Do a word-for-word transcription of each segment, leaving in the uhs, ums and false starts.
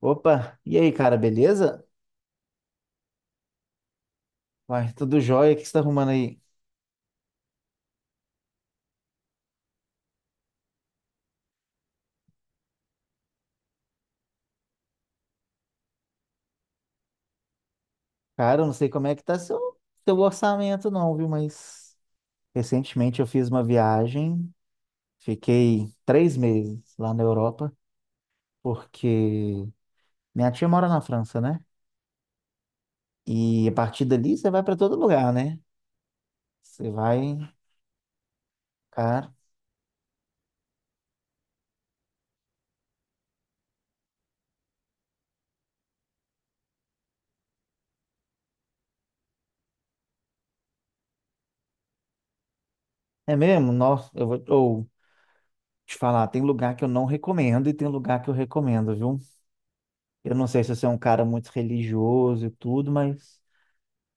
Opa, e aí, cara, beleza? Uai, tudo jóia, o que você tá arrumando aí? Cara, eu não sei como é que tá seu, seu orçamento não, viu? Mas recentemente eu fiz uma viagem, fiquei três meses lá na Europa, porque minha tia mora na França, né? E a partir dali você vai pra todo lugar, né? Você vai, cara, é mesmo? Nossa, eu vou ou, te falar, tem lugar que eu não recomendo e tem lugar que eu recomendo, viu? Eu não sei se você é um cara muito religioso e tudo, mas...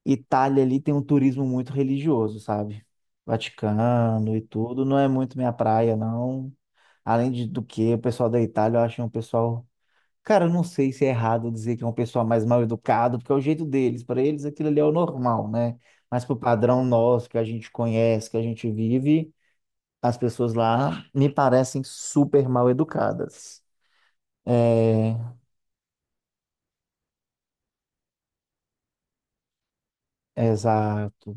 Itália ali tem um turismo muito religioso, sabe? Vaticano e tudo, não é muito minha praia, não. Além de, do que, O pessoal da Itália, eu acho um pessoal. Cara, eu não sei se é errado dizer que é um pessoal mais mal educado, porque é o jeito deles. Para eles, aquilo ali é o normal, né? Mas pro padrão nosso, que a gente conhece, que a gente vive, as pessoas lá me parecem super mal educadas. É, exato,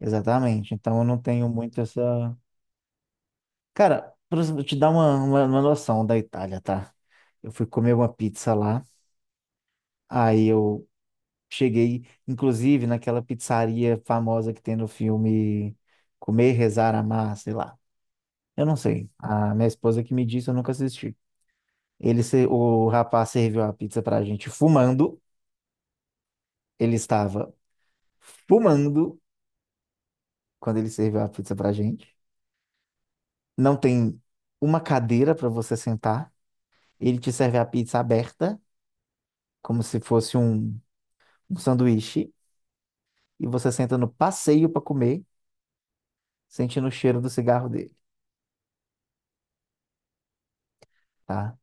exatamente. Então eu não tenho muito essa. Cara, pra eu te dar uma, uma, uma noção da Itália, tá? Eu fui comer uma pizza lá, aí eu cheguei, inclusive, naquela pizzaria famosa que tem no filme Comer, Rezar, Amar, sei lá. Eu não sei. A minha esposa que me disse, eu nunca assisti. Ele, se- O rapaz serviu a pizza pra gente fumando. Ele estava fumando quando ele serviu a pizza pra gente. Não tem uma cadeira pra você sentar. Ele te serve a pizza aberta, como se fosse um um sanduíche e você senta no passeio para comer, sentindo o cheiro do cigarro dele, tá?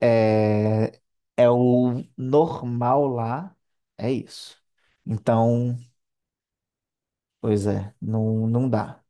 É, é o normal lá, é isso. Então, pois é, não, não dá.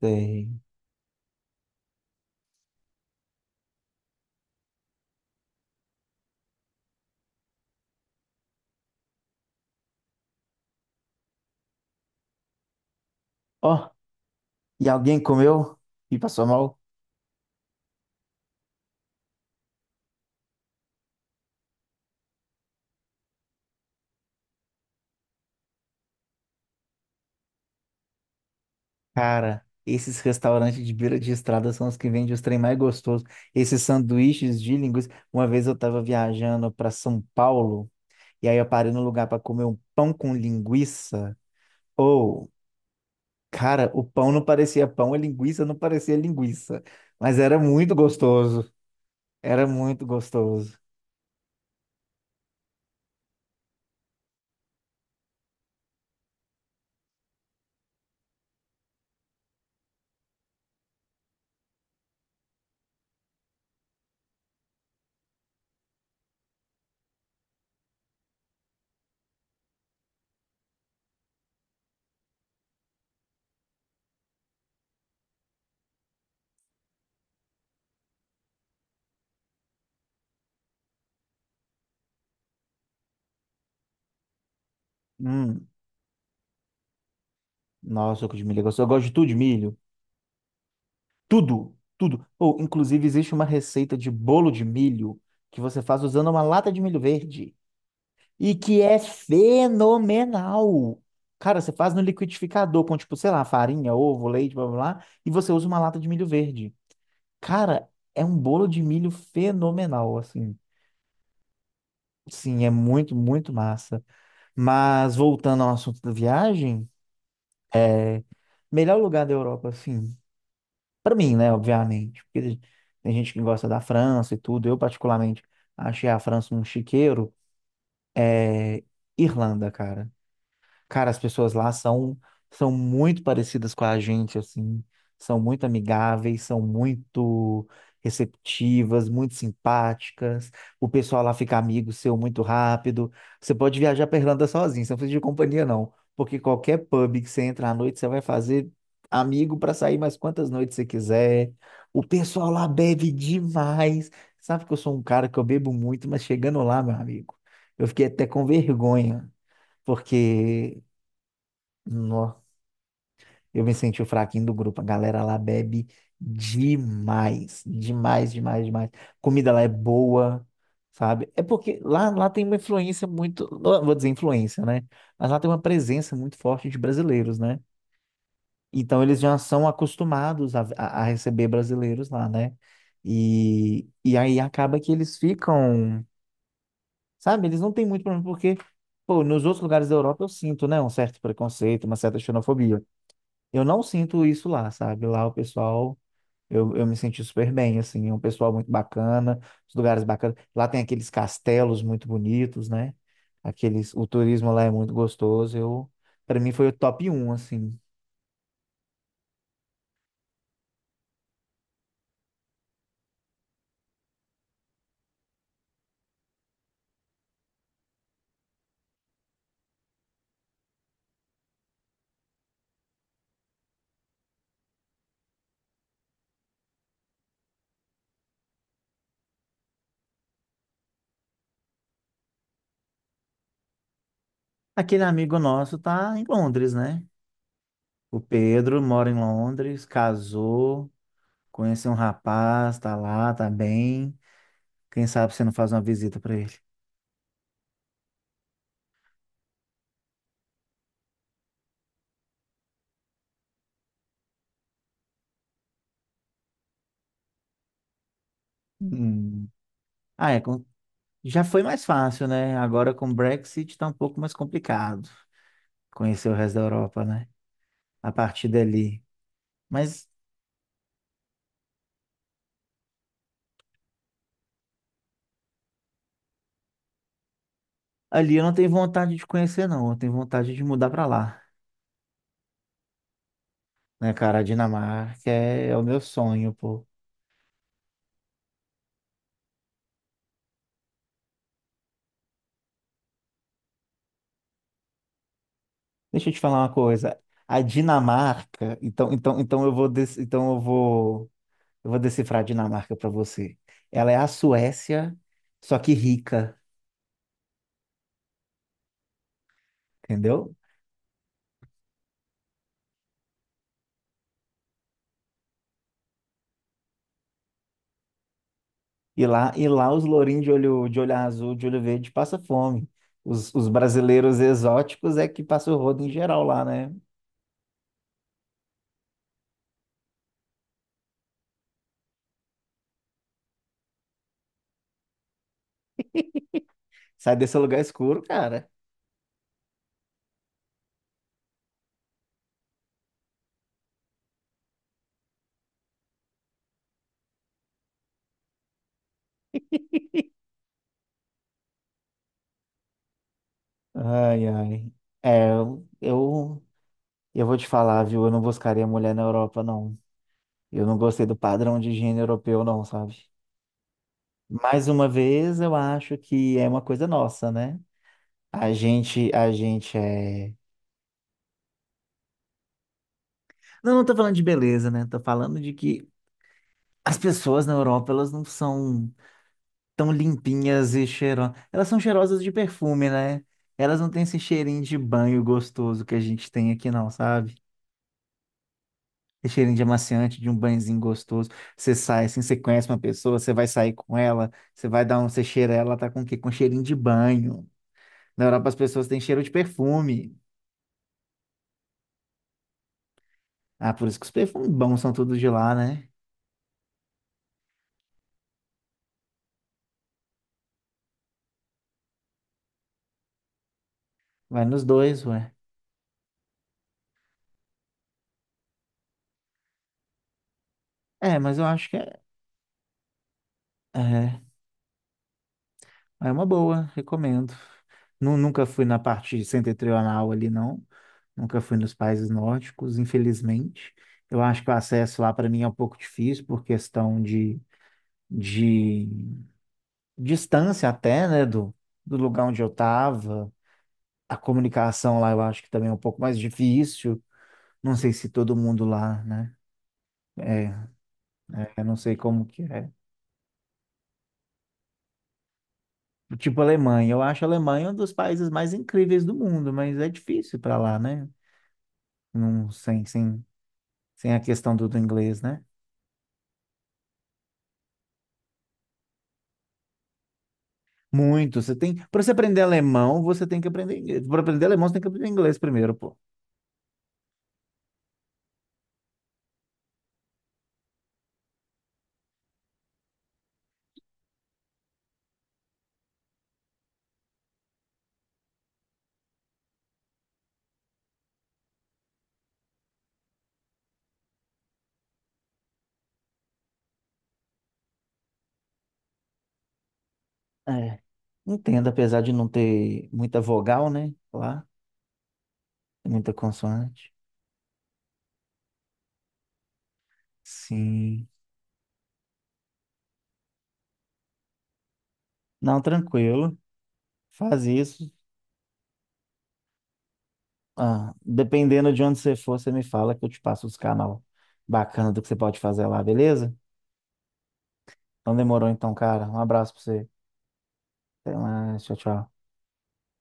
Tem- Ó, e alguém comeu e passou mal? Cara, esses restaurantes de beira de estrada são os que vendem os trem mais gostosos. Esses sanduíches de linguiça. Uma vez eu tava viajando para São Paulo e aí eu parei num lugar para comer um pão com linguiça. Cara, o pão não parecia pão, a linguiça não parecia linguiça. Mas era muito gostoso. Era muito gostoso. Hum, nossa, suco de milho é gostoso. Eu gosto de tudo de milho. Tudo, tudo. Ou, inclusive, existe uma receita de bolo de milho que você faz usando uma lata de milho verde. E que é fenomenal. Cara, você faz no liquidificador com, tipo, sei lá, farinha, ovo, leite, blá, blá, blá. E você usa uma lata de milho verde. Cara, é um bolo de milho fenomenal, assim. Sim, é muito, muito massa. Mas voltando ao assunto da viagem, melhor lugar da Europa, assim, para mim, né, obviamente, porque tem gente que gosta da França e tudo. Eu, particularmente, achei a França um chiqueiro. É Irlanda, cara. Cara, as pessoas lá são, são muito parecidas com a gente, assim. São muito amigáveis, são muito receptivas, muito simpáticas. O pessoal lá fica amigo seu muito rápido. Você pode viajar pra Irlanda sozinho, você não precisa de companhia, não. Porque qualquer pub que você entra à noite, você vai fazer amigo para sair mais quantas noites você quiser. O pessoal lá bebe demais. Sabe que eu sou um cara que eu bebo muito, mas chegando lá, meu amigo, eu fiquei até com vergonha porque Nó, eu me senti o fraquinho do grupo. A galera lá bebe demais, demais, demais, demais. Comida lá é boa, sabe? É porque lá, lá tem uma influência muito, não vou dizer influência, né? Mas lá tem uma presença muito forte de brasileiros, né? Então eles já são acostumados a, a a receber brasileiros lá, né? E, e aí acaba que eles ficam, sabe? Eles não têm muito problema, porque, pô, nos outros lugares da Europa eu sinto, né? Um certo preconceito, uma certa xenofobia. Eu não sinto isso lá, sabe? Lá o pessoal, eu, eu me senti super bem, assim, é um pessoal muito bacana, os lugares bacanas. Lá tem aqueles castelos muito bonitos, né? Aqueles, o turismo lá é muito gostoso. Eu, para mim foi o top um assim. Aquele amigo nosso tá em Londres, né? O Pedro mora em Londres, casou, conheceu um rapaz, tá lá, tá bem. Quem sabe você não faz uma visita para ele? Hum. Ah, é, com- Já foi mais fácil, né? Agora com o Brexit tá um pouco mais complicado conhecer o resto da Europa, né? A partir dali. Mas ali eu não tenho vontade de conhecer, não. Eu tenho vontade de mudar pra lá, né, cara? A Dinamarca é é o meu sonho, pô. Deixa eu te falar uma coisa. A Dinamarca, então, então, então eu vou, des- então eu vou, eu vou decifrar a Dinamarca pra você. Ela é a Suécia, só que rica, entendeu? E lá, e lá os lourinhos de olho, de olho azul, de olho verde, passa fome. Os, os brasileiros exóticos é que passa o rodo em geral lá, né? Sai desse lugar escuro, cara. Ai, ai. É, eu, eu, eu vou te falar, viu? Eu não buscaria mulher na Europa, não. Eu não gostei do padrão de higiene europeu, não, sabe? Mais uma vez, eu acho que é uma coisa nossa, né? A gente, a gente é. Não, não tô falando de beleza, né? Tô falando de que as pessoas na Europa, elas não são tão limpinhas e cheirosas. Elas são cheirosas de perfume, né? Elas não têm esse cheirinho de banho gostoso que a gente tem aqui, não, sabe? Esse cheirinho de amaciante, de um banhozinho gostoso. Você sai assim, você conhece uma pessoa, você vai sair com ela, você vai dar um, você cheira ela, ela tá com o quê? Com cheirinho de banho. Na Europa as pessoas têm cheiro de perfume. Ah, por isso que os perfumes bons são tudo de lá, né? Vai nos dois, ué. É, mas eu acho que é. É. É uma boa, recomendo. Nu- Nunca fui na parte setentrional ali, não. Nunca fui nos países nórdicos, infelizmente. Eu acho que o acesso lá para mim é um pouco difícil por questão de, de distância até, né, do, do lugar onde eu estava. A comunicação lá eu acho que também é um pouco mais difícil. Não sei se todo mundo lá, né? É, é, eu não sei como que é. Tipo Alemanha, eu acho a Alemanha um dos países mais incríveis do mundo, mas é difícil para lá, né? Não, sem, sem, sem a questão do, do inglês, né? Muito. Você tem, para você aprender alemão, você tem que aprender inglês. Para aprender alemão, você tem que aprender inglês primeiro, pô. É. Entendo, apesar de não ter muita vogal, né? Lá, tem muita consoante. Sim. Não, tranquilo. Faz isso. Ah, dependendo de onde você for, você me fala que eu te passo os canal bacana do que você pode fazer lá, beleza? Então demorou então, cara. Um abraço pra você. Até mais. Tchau, tchau.